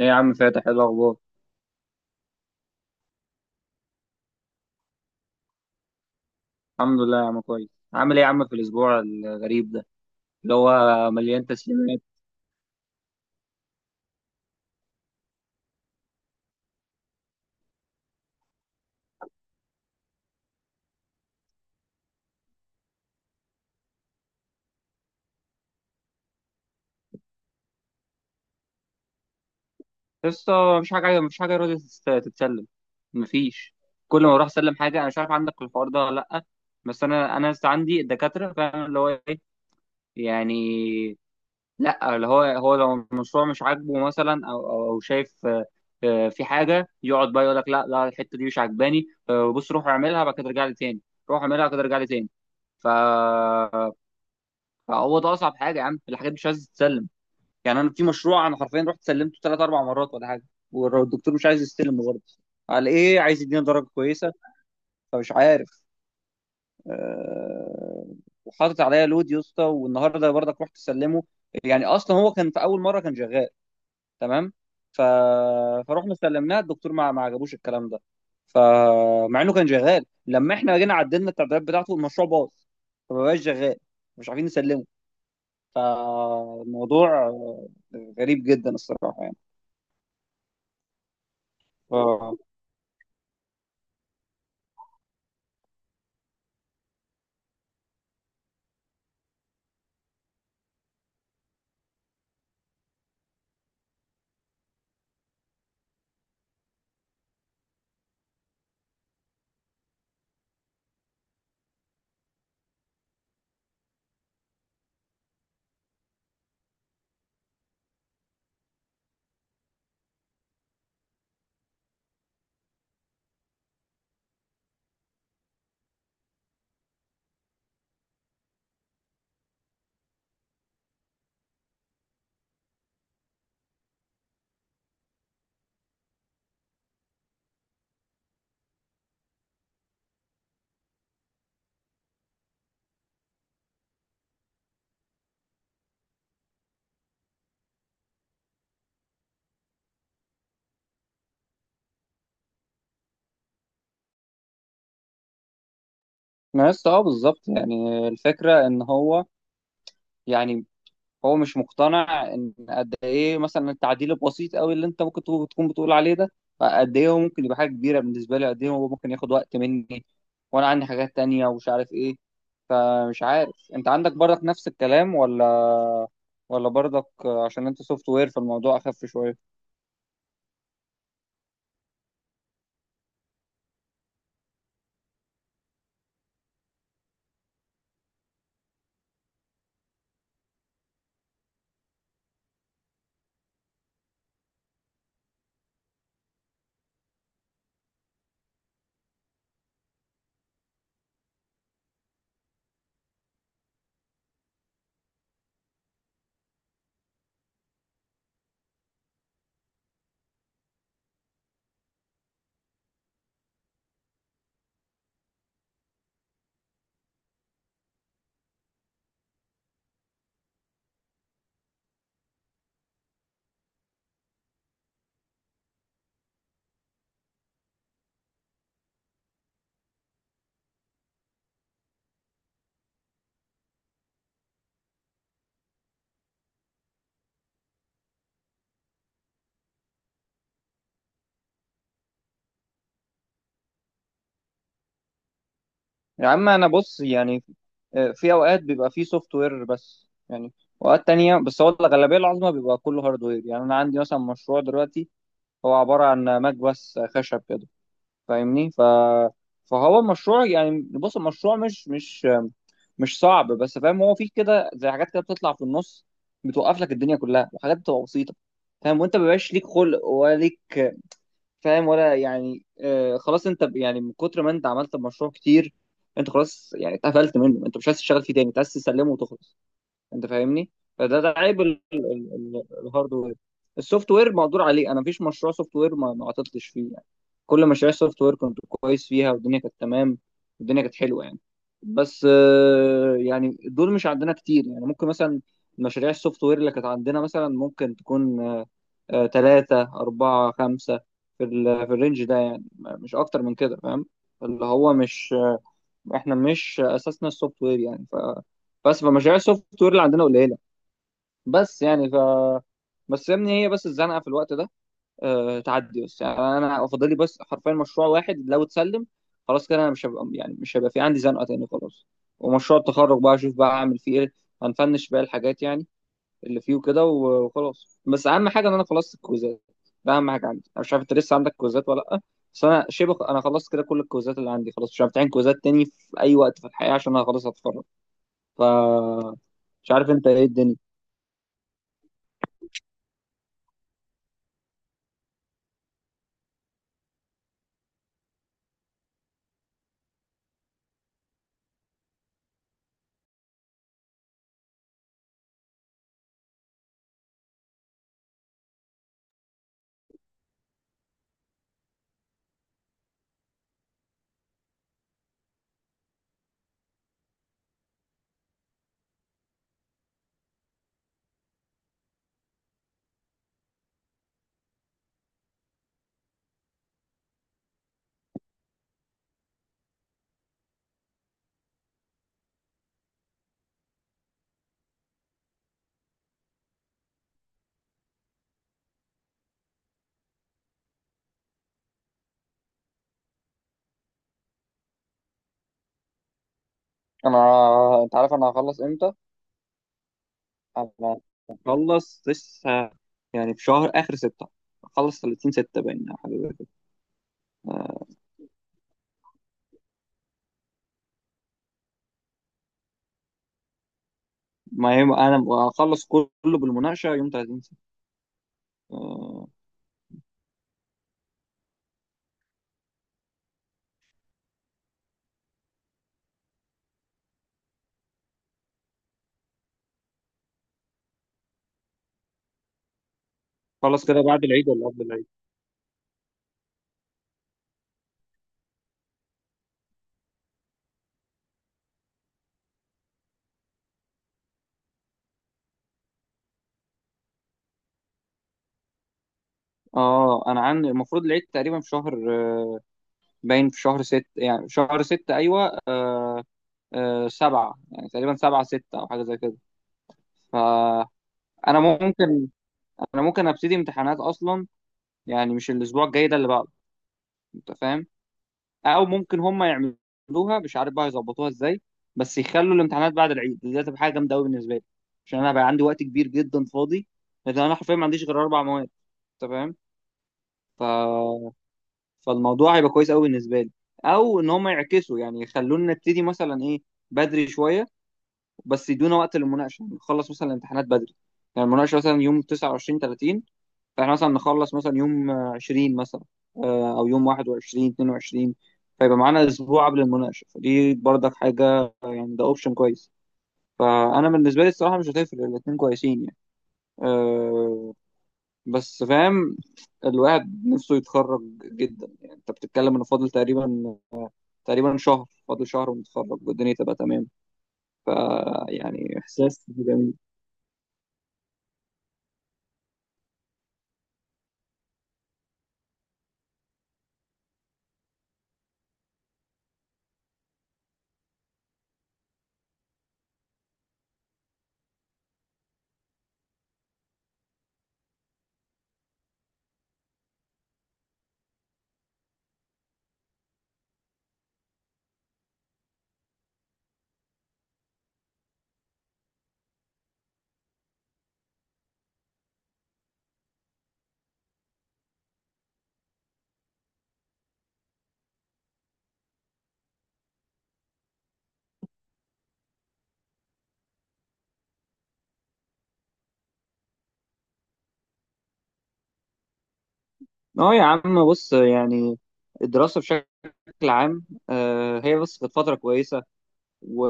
ايه يا عم فاتح؟ ايه الاخبار؟ الحمد لله يا عم، كويس. عامل ايه يا عم في الاسبوع الغريب ده اللي هو مليان تسليمات؟ لسه مفيش حاجه راضيه تتسلم. مفيش. كل ما اروح اسلم حاجه، انا مش عارف عندك الحوار ده ولا لا، بس انا لسه عندي الدكاتره، فاهم اللي هو ايه؟ يعني لا، اللي هو لو المشروع مش عاجبه مثلا او او أو شايف، في حاجه، يقعد بقى يقول لك لا لا، الحته دي مش عاجباني، بص، روح اعملها بعد كده ارجع لي تاني. روح اعملها بعد كده ارجع لي تاني ف فهو ده اصعب حاجه يا عم، الحاجات دي مش عايز تتسلم. يعني انا في مشروع، انا حرفيا رحت سلمته ثلاث اربع مرات ولا حاجه، والدكتور مش عايز يستلم برضه. على ايه؟ عايز يدينا درجه كويسه؟ فمش عارف. أه... وحاطط عليا لود يا اسطى، والنهارده برضك رحت سلمه. يعني اصلا هو كان في اول مره كان شغال، تمام؟ ف... فروحنا سلمناه، الدكتور ما عجبوش الكلام ده. فمع انه كان شغال، لما احنا جينا عدلنا التعديلات بتاعته المشروع باظ، فما بقاش شغال، مش عارفين نسلمه. فالموضوع غريب جدا الصراحة يعني. اه، ما لسه. اه، بالظبط. يعني الفكرة ان هو، يعني هو مش مقتنع ان قد ايه مثلا التعديل البسيط قوي اللي انت ممكن تكون بتقول عليه ده، قد ايه هو ممكن يبقى حاجة كبيرة بالنسبة لي، قد ايه هو ممكن ياخد وقت مني وانا عندي حاجات تانية ومش عارف ايه. فمش عارف انت عندك برضك نفس الكلام ولا، ولا برضك عشان انت سوفت وير فالموضوع اخف شوية؟ يا عم انا بص، يعني في اوقات بيبقى فيه سوفت وير، بس يعني اوقات تانية، بس هو الغالبيه العظمى بيبقى كله هاردوير. يعني انا عندي مثلا مشروع دلوقتي هو عباره عن ماك بس خشب كده، فاهمني؟ فهو المشروع، يعني بص، المشروع مش صعب، بس فاهم هو فيه كده زي حاجات كده بتطلع في النص بتوقف لك الدنيا كلها، وحاجات بتبقى بسيطه. فاهم؟ وانت مبيبقاش ليك خلق ولا ليك فاهم ولا يعني، آه خلاص، انت يعني من كتر ما انت عملت مشروع كتير انت خلاص يعني اتقفلت منه، انت مش عايز تشتغل فيه تاني، انت عايز تسلمه وتخلص. انت فاهمني؟ فده عيب الهاردوير. السوفت وير مقدور عليه، انا مفيش مشروع سوفت وير ما عطلتش فيه يعني. كل مشاريع السوفت وير كنت كويس فيها والدنيا كانت تمام، والدنيا كانت حلوه يعني. بس يعني دول مش عندنا كتير يعني، ممكن مثلا مشاريع السوفت وير اللي كانت عندنا مثلا ممكن تكون، تلاتة أربعة خمسة، في الرينج ده يعني، مش أكتر من كده، فاهم؟ اللي هو مش، إحنا مش أساسنا السوفت وير يعني. بس فمشاريع السوفت وير اللي عندنا قليلة. بس يعني ف بس يا ابني، هي بس الزنقة في الوقت ده تعدي، بس يعني أنا أفضل لي بس حرفيا مشروع واحد لو اتسلم خلاص كده أنا مش هبقى، يعني مش هيبقى في عندي زنقة تاني خلاص. ومشروع التخرج بقى أشوف بقى أعمل فيه إيه، هنفنش بقى الحاجات يعني اللي فيه وكده وخلاص. بس اهم حاجه ان انا خلصت الكويزات، ده اهم حاجه عندي. انا مش عارف انت لسه عندك كويزات ولا لا، بس انا شبه انا خلصت كده كل الكويزات اللي عندي خلاص، مش عارف امتحن كويزات تاني في اي وقت في الحياه عشان انا خلاص هتخرج. ف مش عارف انت ايه الدنيا. انا، انت عارف انا هخلص امتى؟ انا هخلص لسه يعني في شهر اخر ستة، هخلص 30 6 باين يا حبيبي. ما يوم انا هخلص كله بالمناقشه يوم 30 6. أه، خلص كده بعد العيد ولا قبل العيد؟ اه انا عندي المفروض العيد تقريبا في شهر، آه، باين في شهر ست، يعني في شهر ستة، ايوه، آه، آه سبعة، يعني تقريبا سبعة ستة او حاجة زي كده. فانا ممكن، انا ممكن ابتدي امتحانات اصلا، يعني مش الاسبوع الجاي، ده اللي بعده. انت فاهم؟ او ممكن هم يعملوها، مش عارف بقى يظبطوها ازاي، بس يخلوا الامتحانات بعد العيد. دي هتبقى حاجة جامدة قوي بالنسبة لي، عشان انا بقى عندي وقت كبير جدا فاضي، لان انا حرفيا ما عنديش غير 4 مواد. انت فاهم؟ فالموضوع هيبقى كويس قوي بالنسبه لي. او ان هم يعكسوا، يعني يخلونا نبتدي مثلا ايه، بدري شويه، بس يدونا وقت للمناقشه. يعني نخلص مثلا الامتحانات بدري، يعني المناقشه مثلا يوم 29 30، فاحنا مثلا نخلص مثلا يوم 20 مثلا، او يوم 21 22. فيبقى معانا اسبوع قبل المناقشه، فدي برضك حاجه يعني، ده اوبشن كويس. فانا بالنسبه لي الصراحه مش هتفرق، الاتنين كويسين يعني. أه، بس فاهم الواحد نفسه يتخرج جدا. يعني انت بتتكلم انه فاضل تقريبا، تقريبا شهر، فاضل شهر ونتخرج والدنيا تبقى تمام. يعني احساس جميل. اه يا عم بص، يعني الدراسة بشكل عام، هي بس كانت فترة كويسة و-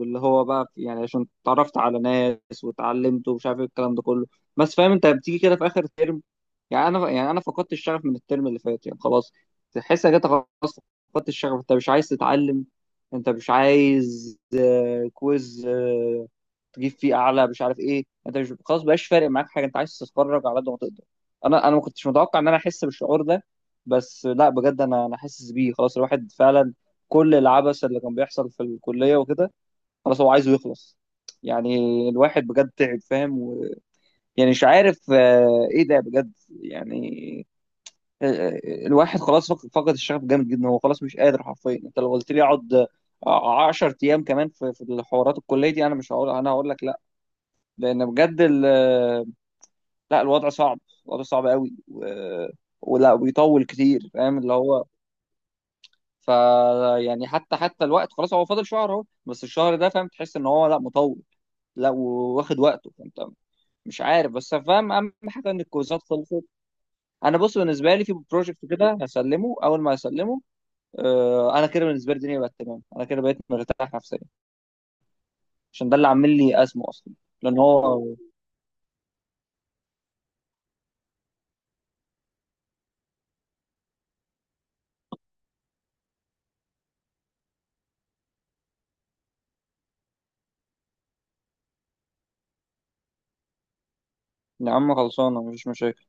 واللي هو بقى يعني عشان اتعرفت على ناس واتعلمت ومش عارف ايه الكلام ده كله. بس فاهم انت بتيجي كده في اخر ترم، يعني انا، يعني انا فقدت الشغف من الترم اللي فات، يعني خلاص، تحس انك انت خلاص فقدت الشغف، انت مش عايز تتعلم، انت مش عايز كويز تجيب فيه اعلى، مش عارف ايه. انت مش، خلاص بقاش فارق معاك حاجه، انت عايز تتفرج على قد ما تقدر. انا ما كنتش متوقع ان انا احس بالشعور ده، بس لا بجد، انا حاسس بيه خلاص، الواحد فعلا كل العبث اللي كان بيحصل في الكليه وكده خلاص هو عايزه يخلص. يعني الواحد بجد تعب، فاهم، يعني مش عارف ايه ده بجد. يعني، آه، الواحد خلاص فقد الشغف جامد جدا، هو خلاص مش قادر حرفيا. انت لو قلت لي اقعد 10 ايام كمان في الحوارات الكليه دي، انا مش هقول، انا هقول لك. لان بجد لا، الوضع صعب، الوضع صعب قوي ولا بيطول كتير، فاهم اللي هو. ف يعني حتى الوقت خلاص هو فاضل شهر اهو، بس الشهر ده فاهم تحس ان هو لا، مطول، لا، واخد وقته. فانت مش عارف، بس فاهم اهم حاجه ان الكويزات خلصت. انا بص بالنسبه لي في بروجكت كده هسلمه، اول ما هسلمه، انا كده بالنسبه لي الدنيا بقت تمام، انا كده بقيت مرتاح نفسيا، عشان ده اللي عامل لي ازمه اصلا، لان هو، يا عم خلصانه مفيش مشاكل.